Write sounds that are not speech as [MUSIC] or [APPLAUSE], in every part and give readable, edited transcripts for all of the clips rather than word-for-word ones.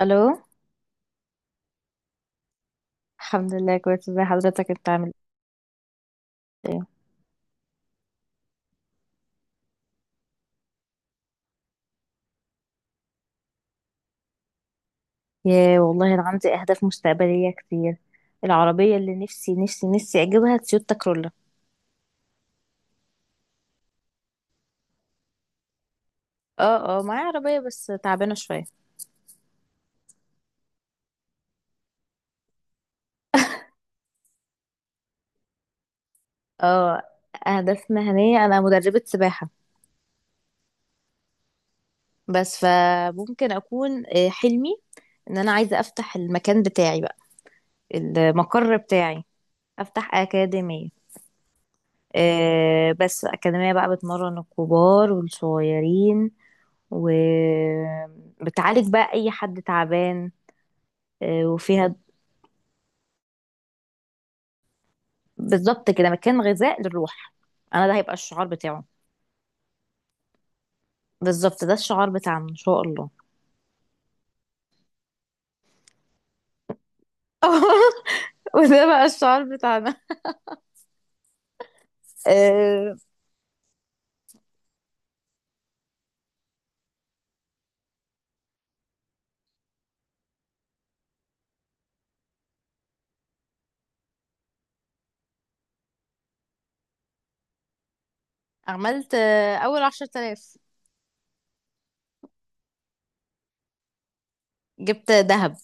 الو. الحمد لله كويس. ازي حضرتك؟ انت عامل ايه؟ يا والله انا عندي اهداف مستقبليه كتير. العربيه اللي نفسي نفسي نفسي اجيبها تويوتا كرولا. اه، اه، معايا عربيه بس تعبانه شويه. اه، اهداف مهنيه. انا مدربه سباحه بس فممكن اكون حلمي ان انا عايزه افتح المكان بتاعي بقى. المقر بتاعي. افتح اكاديميه. بس اكاديميه بقى بتمرن الكبار والصغيرين وبتعالج بقى اي حد تعبان. وفيها بالظبط كده مكان غذاء للروح. انا ده هيبقى الشعار بتاعه. بالظبط، ده الشعار بتاعنا ان شاء الله. [LAUGHS] وده بقى الشعار بتاعنا. آه، عملت اول 10 تلاف. جبت ذهب.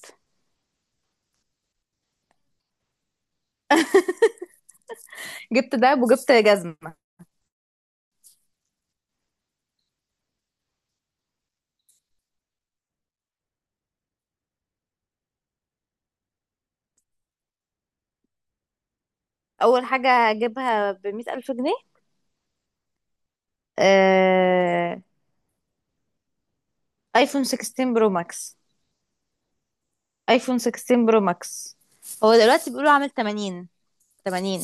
جبت دهب وجبت جزمة. اول حاجة هجيبها ب100 الف جنيه. آه، ايفون 16 برو ماكس. ايفون 16 برو ماكس. هو دلوقتي بيقولوا عامل 80. 80.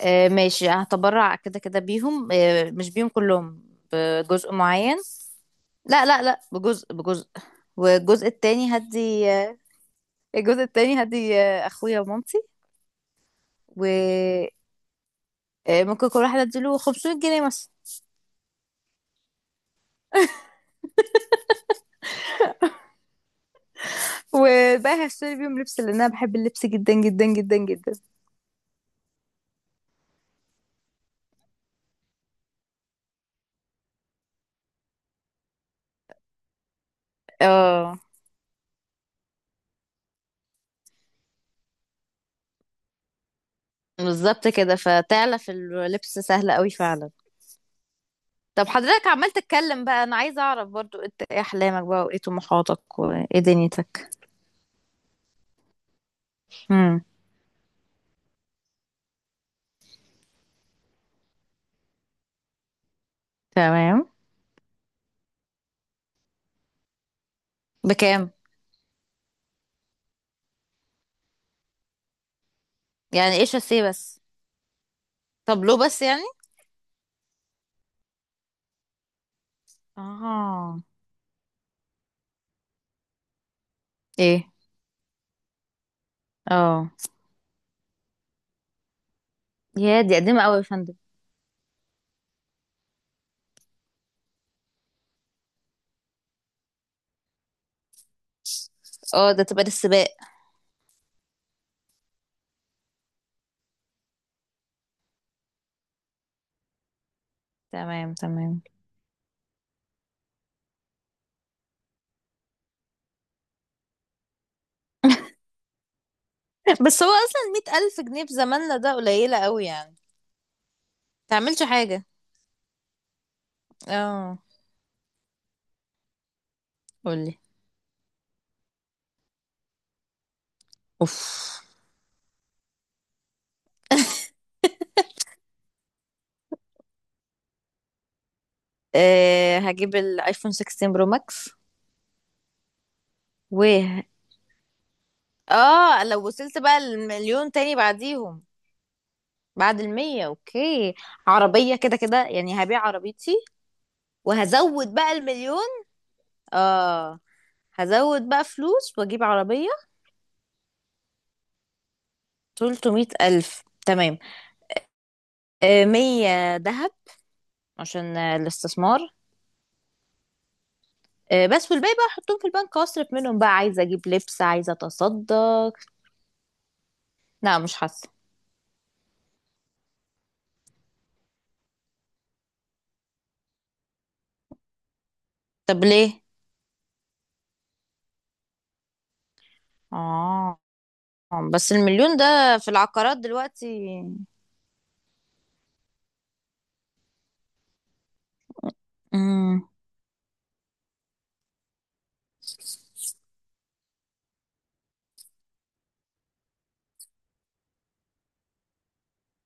ماشي، هتبرع كده كده بيهم، مش بيهم كلهم. بجزء معين. لا لا لا، بجزء بجزء. والجزء التاني هدي. الجزء التاني هدي اخويا ومامتي. وممكن كل واحد اديله 500 جنيه مثلا. والباقي هشتري بيهم لبس لان انا بحب اللبس جدا جدا جدا جدا. اه، بالظبط كده. فتعلف اللبس سهل قوي فعلا. طب حضرتك عمال تتكلم بقى. انا عايزه اعرف برضو، انت ايه احلامك بقى وايه طموحاتك وايه دنيتك؟ تمام. بكام؟ يعني ايش السي بس. طابلو بس يعني. اه. ايه. اه. يا دي قديمة قوي يا فندم. اه، ده تبقى للسباق. تمام تمام. [LAUGHS] بس هو اصلا 100 الف جنيه في زماننا ده قليلة قوي يعني. تعملش حاجة. اه. قولي. اوف. هجيب الايفون 16 برو ماكس، و اه لو وصلت بقى المليون تاني بعديهم. بعد المية اوكي. عربية كده كده يعني. هبيع عربيتي وهزود بقى المليون. اه، هزود بقى فلوس واجيب عربية. 300 ألف تمام. مية ذهب عشان الاستثمار. بس والباقي بقى احطهم في البنك. اصرف منهم بقى، عايزة اجيب لبس، عايزة اتصدى. لا مش حاسة. طب ليه؟ اه بس المليون ده في العقارات دلوقتي. امم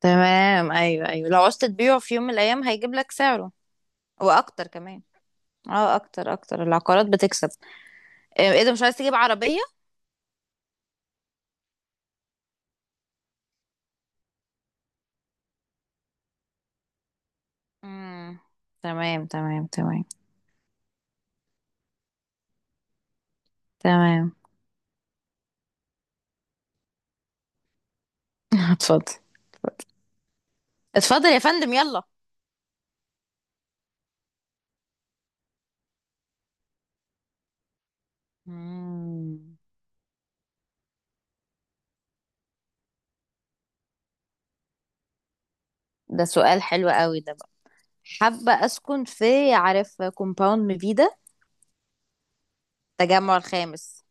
تمام، ايوه ايوه. لو عوزت تبيعه في يوم من الايام هيجيب لك سعره. واكتر كمان. اه، اكتر اكتر العقارات بتكسب. ايه ده؟ مش عايز تجيب عربية؟ امم تمام تمام تمام. تمام. [LAUGHS] اتفضل اتفضل. اتفضل يا فندم يلا. مم. ده سؤال حلو قوي ده بقى. حابة أسكن في، عارف، كومباوند ميفيدا. التجمع الخامس.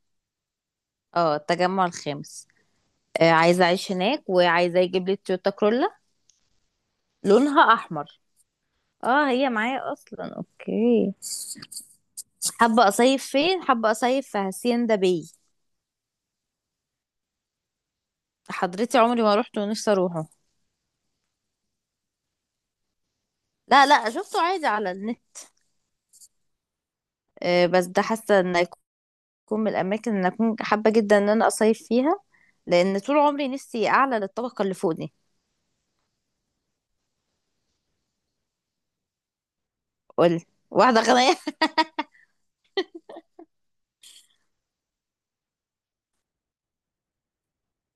اه التجمع الخامس. آه عايزة أعيش هناك وعايزة يجيب لي تويوتا كرولا لونها أحمر. اه هي معايا أصلا. أوكي. حابة أصيف فين؟ حابة أصيف في هاسيندا باي. حضرتي عمري ما روحت ونفسي أروحه. لا لا، شفته عادي على النت. آه بس ده حاسة إن تكون من الاماكن اللي انا اكون حابه جدا ان انا اصيف فيها. لان طول عمري نفسي اعلى للطبقه اللي فوق دي. قول. واحده غنيه.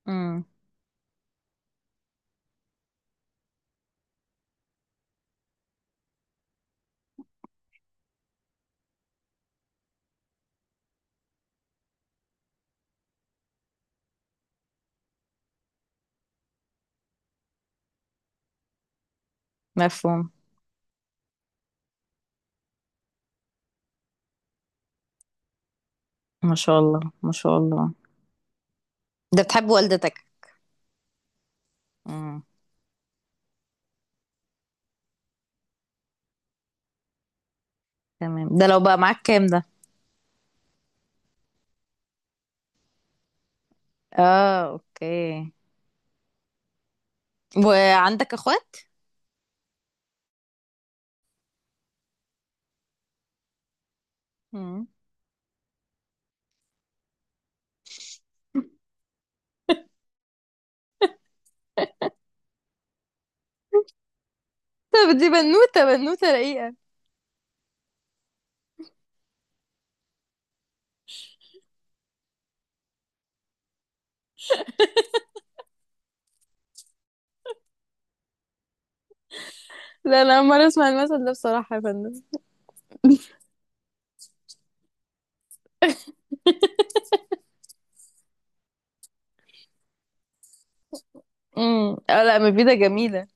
امم مفهوم. ما شاء الله ما شاء الله. ده بتحب والدتك؟ امم تمام. ده لو بقى معاك كام ده؟ اه اوكي. وعندك اخوات؟ امم طب دي بنوتة. بنوتة رقيقة. لا، أنا أول مرة أسمع المثل ده بصراحة يا فندم. اه، لا مفيدة جميلة.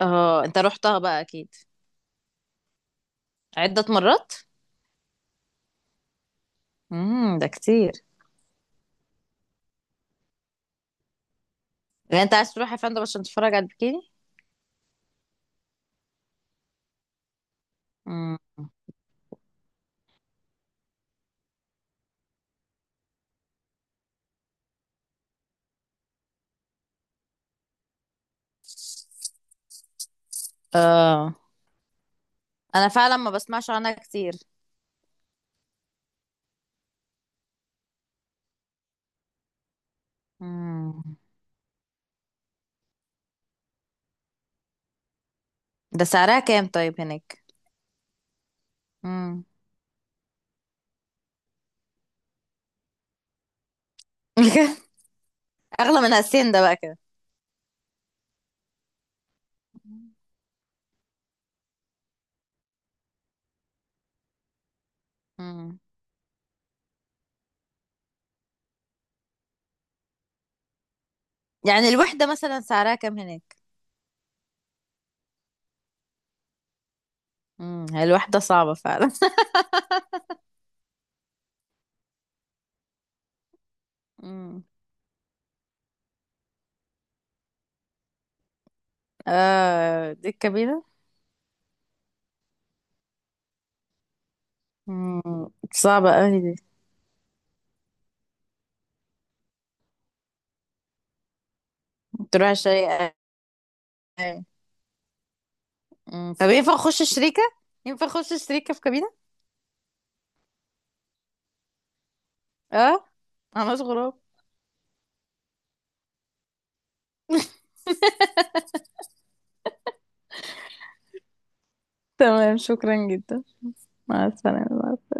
اه انت رحتها بقى اكيد. عدة مرات. ده كتير. يعني انت عايز تروح يا فندم عشان تتفرج على البكيني؟ امم اه انا فعلا ما بسمعش عنها كتير. امم ده سعرها كام طيب هناك؟ امم [LAUGHS] اغلى من هالسين ده بقى كده. امم يعني الوحدة مثلا سعرها كام هناك؟ هي الوحدة صعبة فعلا. [LAUGHS] امم اه دي الكابينة. امم صعبة قوي دي. تروح شيء. طب ينفع اخش شريكة؟ ينفع اخش شريكة في كابينة. اه انا غراب. تمام، شكرا جدا. مع السلامة.